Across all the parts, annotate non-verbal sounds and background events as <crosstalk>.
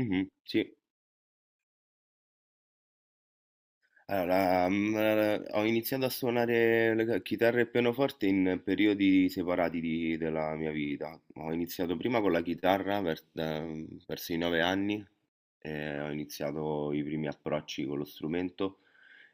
Mh-mh, sì. Allora, ho iniziato a suonare la c chitarra e pianoforte in periodi separati di della mia vita. Ho iniziato prima con la chitarra verso i 9 anni e ho iniziato i primi approcci con lo strumento.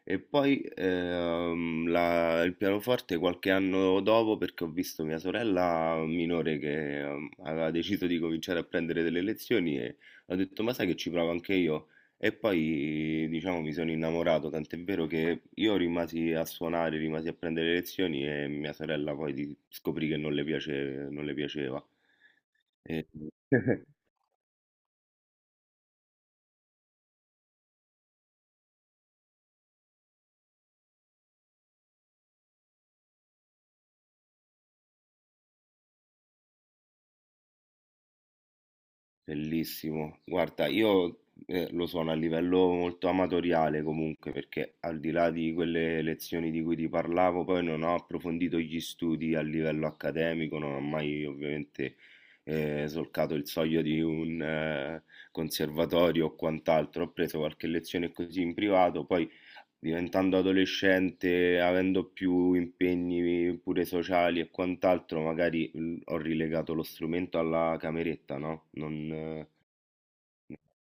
E poi il pianoforte qualche anno dopo perché ho visto mia sorella minore che aveva deciso di cominciare a prendere delle lezioni e ho detto, ma sai che ci provo anche io. E poi diciamo mi sono innamorato, tant'è vero che io rimasi a suonare, rimasi a prendere lezioni e mia sorella poi scoprì che non le piaceva. E- <laughs> Bellissimo. Guarda, io lo sono a livello molto amatoriale comunque, perché al di là di quelle lezioni di cui ti parlavo, poi non ho approfondito gli studi a livello accademico, non ho mai ovviamente solcato il soglio di un conservatorio o quant'altro. Ho preso qualche lezione così in privato, poi diventando adolescente, avendo più impegni pure sociali e quant'altro, magari ho rilegato lo strumento alla cameretta, no? Non,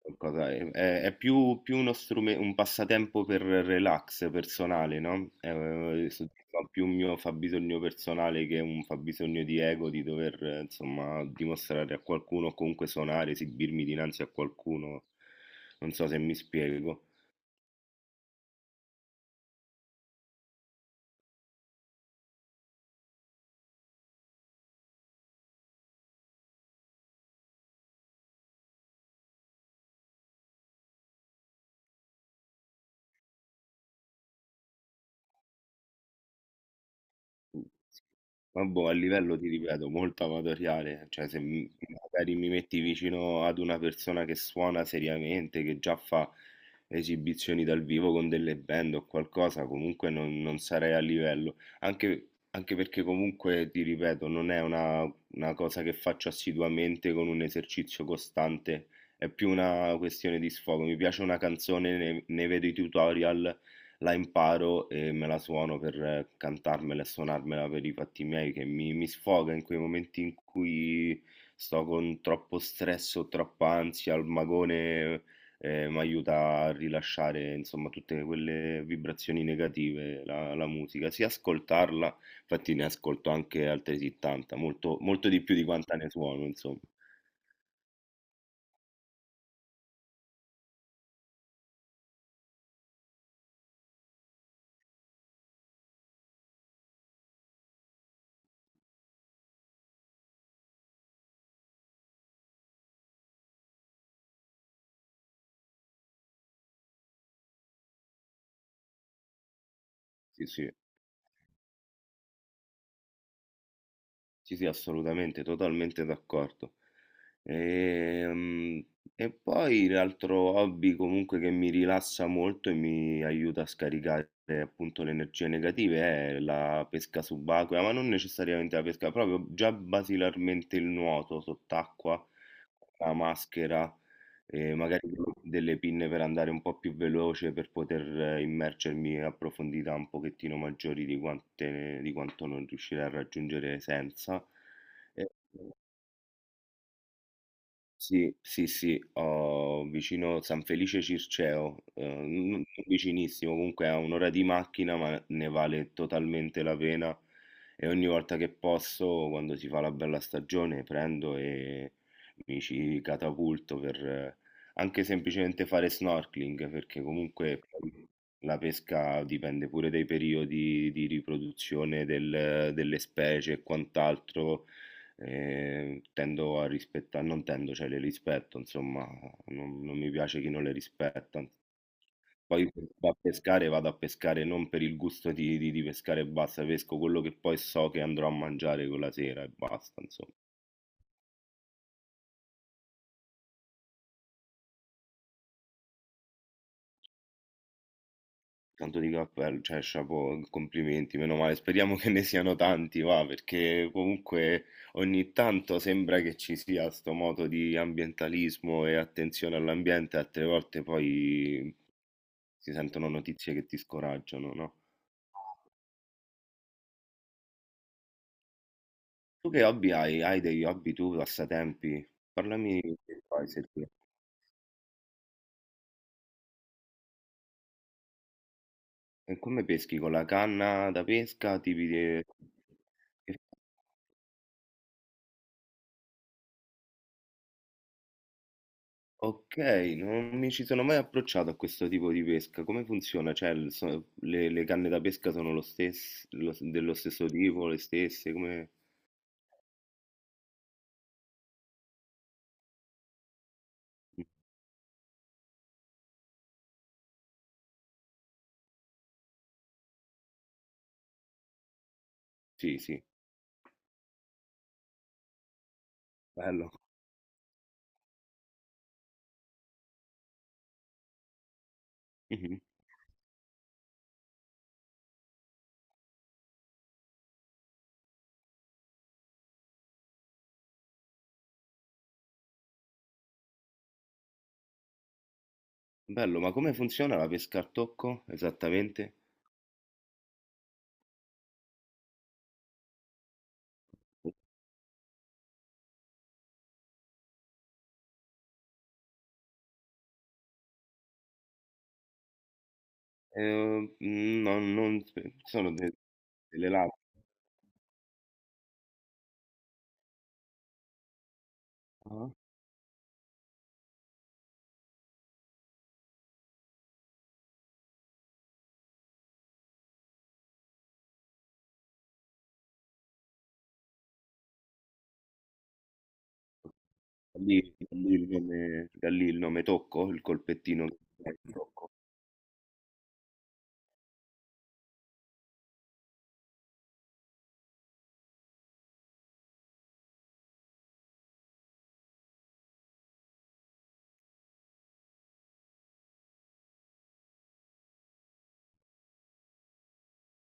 è più un passatempo per relax personale, no? Soddisfa più un mio fabbisogno personale che un fabbisogno di ego, di dover, insomma, dimostrare a qualcuno o comunque suonare, esibirmi dinanzi a qualcuno. Non so se mi spiego. Ma boh, a livello ti ripeto, molto amatoriale, cioè se mi- magari mi metti vicino ad una persona che suona seriamente, che già fa esibizioni dal vivo con delle band o qualcosa, comunque non, non sarei a livello. Anche, anche perché comunque, ti ripeto, non è una cosa che faccio assiduamente con un esercizio costante, è più una questione di sfogo. Mi piace una canzone, ne vedo i tutorial, la imparo e me la suono per cantarmela e suonarmela per i fatti miei, che mi sfoga in quei momenti in cui sto con troppo stress o troppa ansia, il magone mi aiuta a rilasciare insomma tutte quelle vibrazioni negative, la musica, sia ascoltarla, infatti ne ascolto anche altri 70, molto, molto di più di quanta ne suono, insomma. Sì, sì. Sì, sì, assolutamente, totalmente d'accordo. Ehm, E poi l'altro hobby comunque che mi rilassa molto e mi aiuta a scaricare appunto le energie negative è la pesca subacquea, ma non necessariamente la pesca, proprio già basilarmente il nuoto sott'acqua, la maschera e magari delle pinne per andare un po' più veloce per poter immergermi a profondità un pochettino maggiori di quanto non riuscirei a raggiungere senza. E- sì, sì, sì, ho vicino San Felice Circeo, non vicinissimo, comunque a un'ora di macchina, ma ne vale totalmente la pena e ogni volta che posso, quando si fa la bella stagione, prendo e mi ci catapulto per anche semplicemente fare snorkeling, perché comunque la pesca dipende pure dai periodi di riproduzione delle specie e quant'altro. E tendo a rispettare, non tendo, cioè le rispetto, insomma, non, non mi piace chi non le rispetta. Poi vado a pescare non per il gusto di pescare e basta, pesco quello che poi so che andrò a mangiare quella sera e basta, insomma. Tanto di cappello, cioè, chapeau, complimenti, meno male, speriamo che ne siano tanti, va, perché comunque ogni tanto sembra che ci sia sto moto di ambientalismo e attenzione all'ambiente, altre volte poi si sentono notizie che ti scoraggiano, no? Tu che hobby hai? Hai degli hobby tu, passatempi? Parlami di che fai. Se ti- E come peschi? Con la canna da pesca? Tipi di. che- Ok, non mi ci sono mai approcciato a questo tipo di pesca. Come funziona? Cioè, le canne da pesca sono dello stesso tipo, le stesse? Come. Sì, sì, bello. <laughs> Mhm. Bello, ma come funziona la pesca al tocco esattamente? Non sono de- delle labbra. Ah. Da lì, da lì il nome, da lì il nome Tocco, il colpettino che viene da Tocco.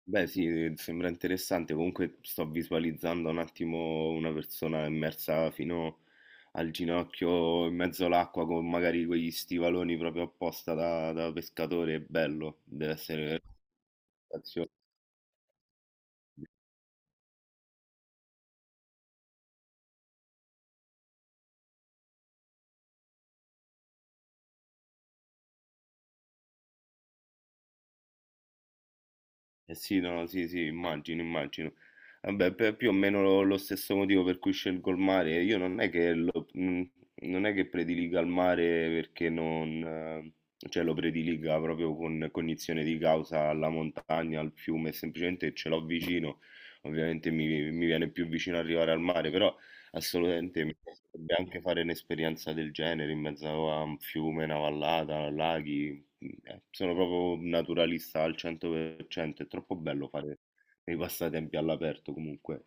Beh, sì, sembra interessante. Comunque sto visualizzando un attimo una persona immersa fino al ginocchio in mezzo all'acqua con magari quegli stivaloni proprio apposta da, da pescatore. È bello, deve essere una sensazione. Eh sì, no, sì, sì, immagino, immagino. Vabbè, più o meno lo stesso motivo per cui scelgo il mare. Io non è che lo, non è che prediliga il mare perché non, cioè lo prediliga proprio con cognizione di causa alla montagna, al fiume, semplicemente ce l'ho vicino. Ovviamente mi viene più vicino arrivare al mare, però assolutamente mi piacerebbe anche fare un'esperienza del genere in mezzo a un fiume, una vallata, laghi. Sono proprio un naturalista al 100%, è troppo bello fare dei passatempi all'aperto comunque.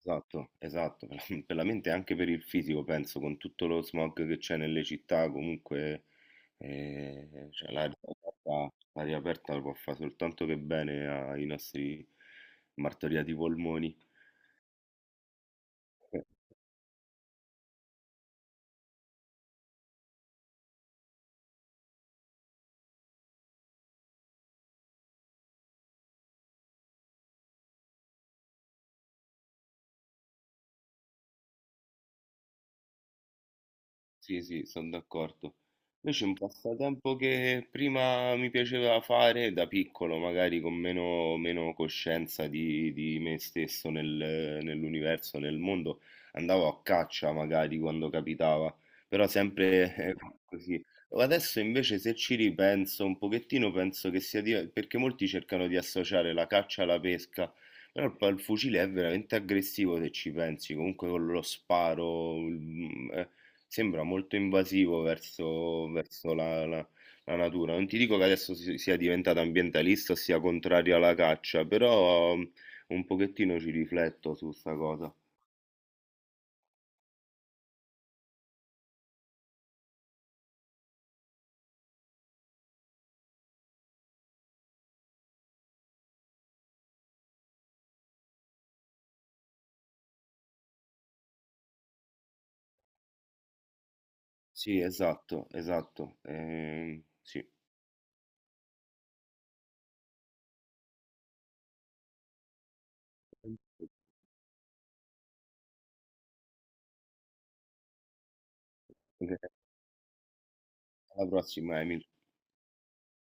Esatto, esatto, per la <laughs> per la mente e anche per il fisico, penso, con tutto lo smog che c'è nelle città, comunque cioè, l'aria aperta può fare soltanto che bene ai nostri martoriati polmoni. Sì, sì, sono d'accordo. Invece un passatempo che prima mi piaceva fare da piccolo, magari con meno, meno coscienza di me stesso nell'universo, nel mondo, andavo a caccia magari quando capitava, però sempre <laughs> così. Adesso invece se ci ripenso un pochettino penso che sia perché molti cercano di associare la caccia alla pesca, però il fucile è veramente aggressivo se ci pensi, comunque con lo sparo. Sembra molto invasivo verso la natura. Non ti dico che adesso si sia diventato ambientalista o sia contrario alla caccia, però un pochettino ci rifletto su 'sta cosa. Sì, esatto, esatto. Sì. Alla prossima, Emil.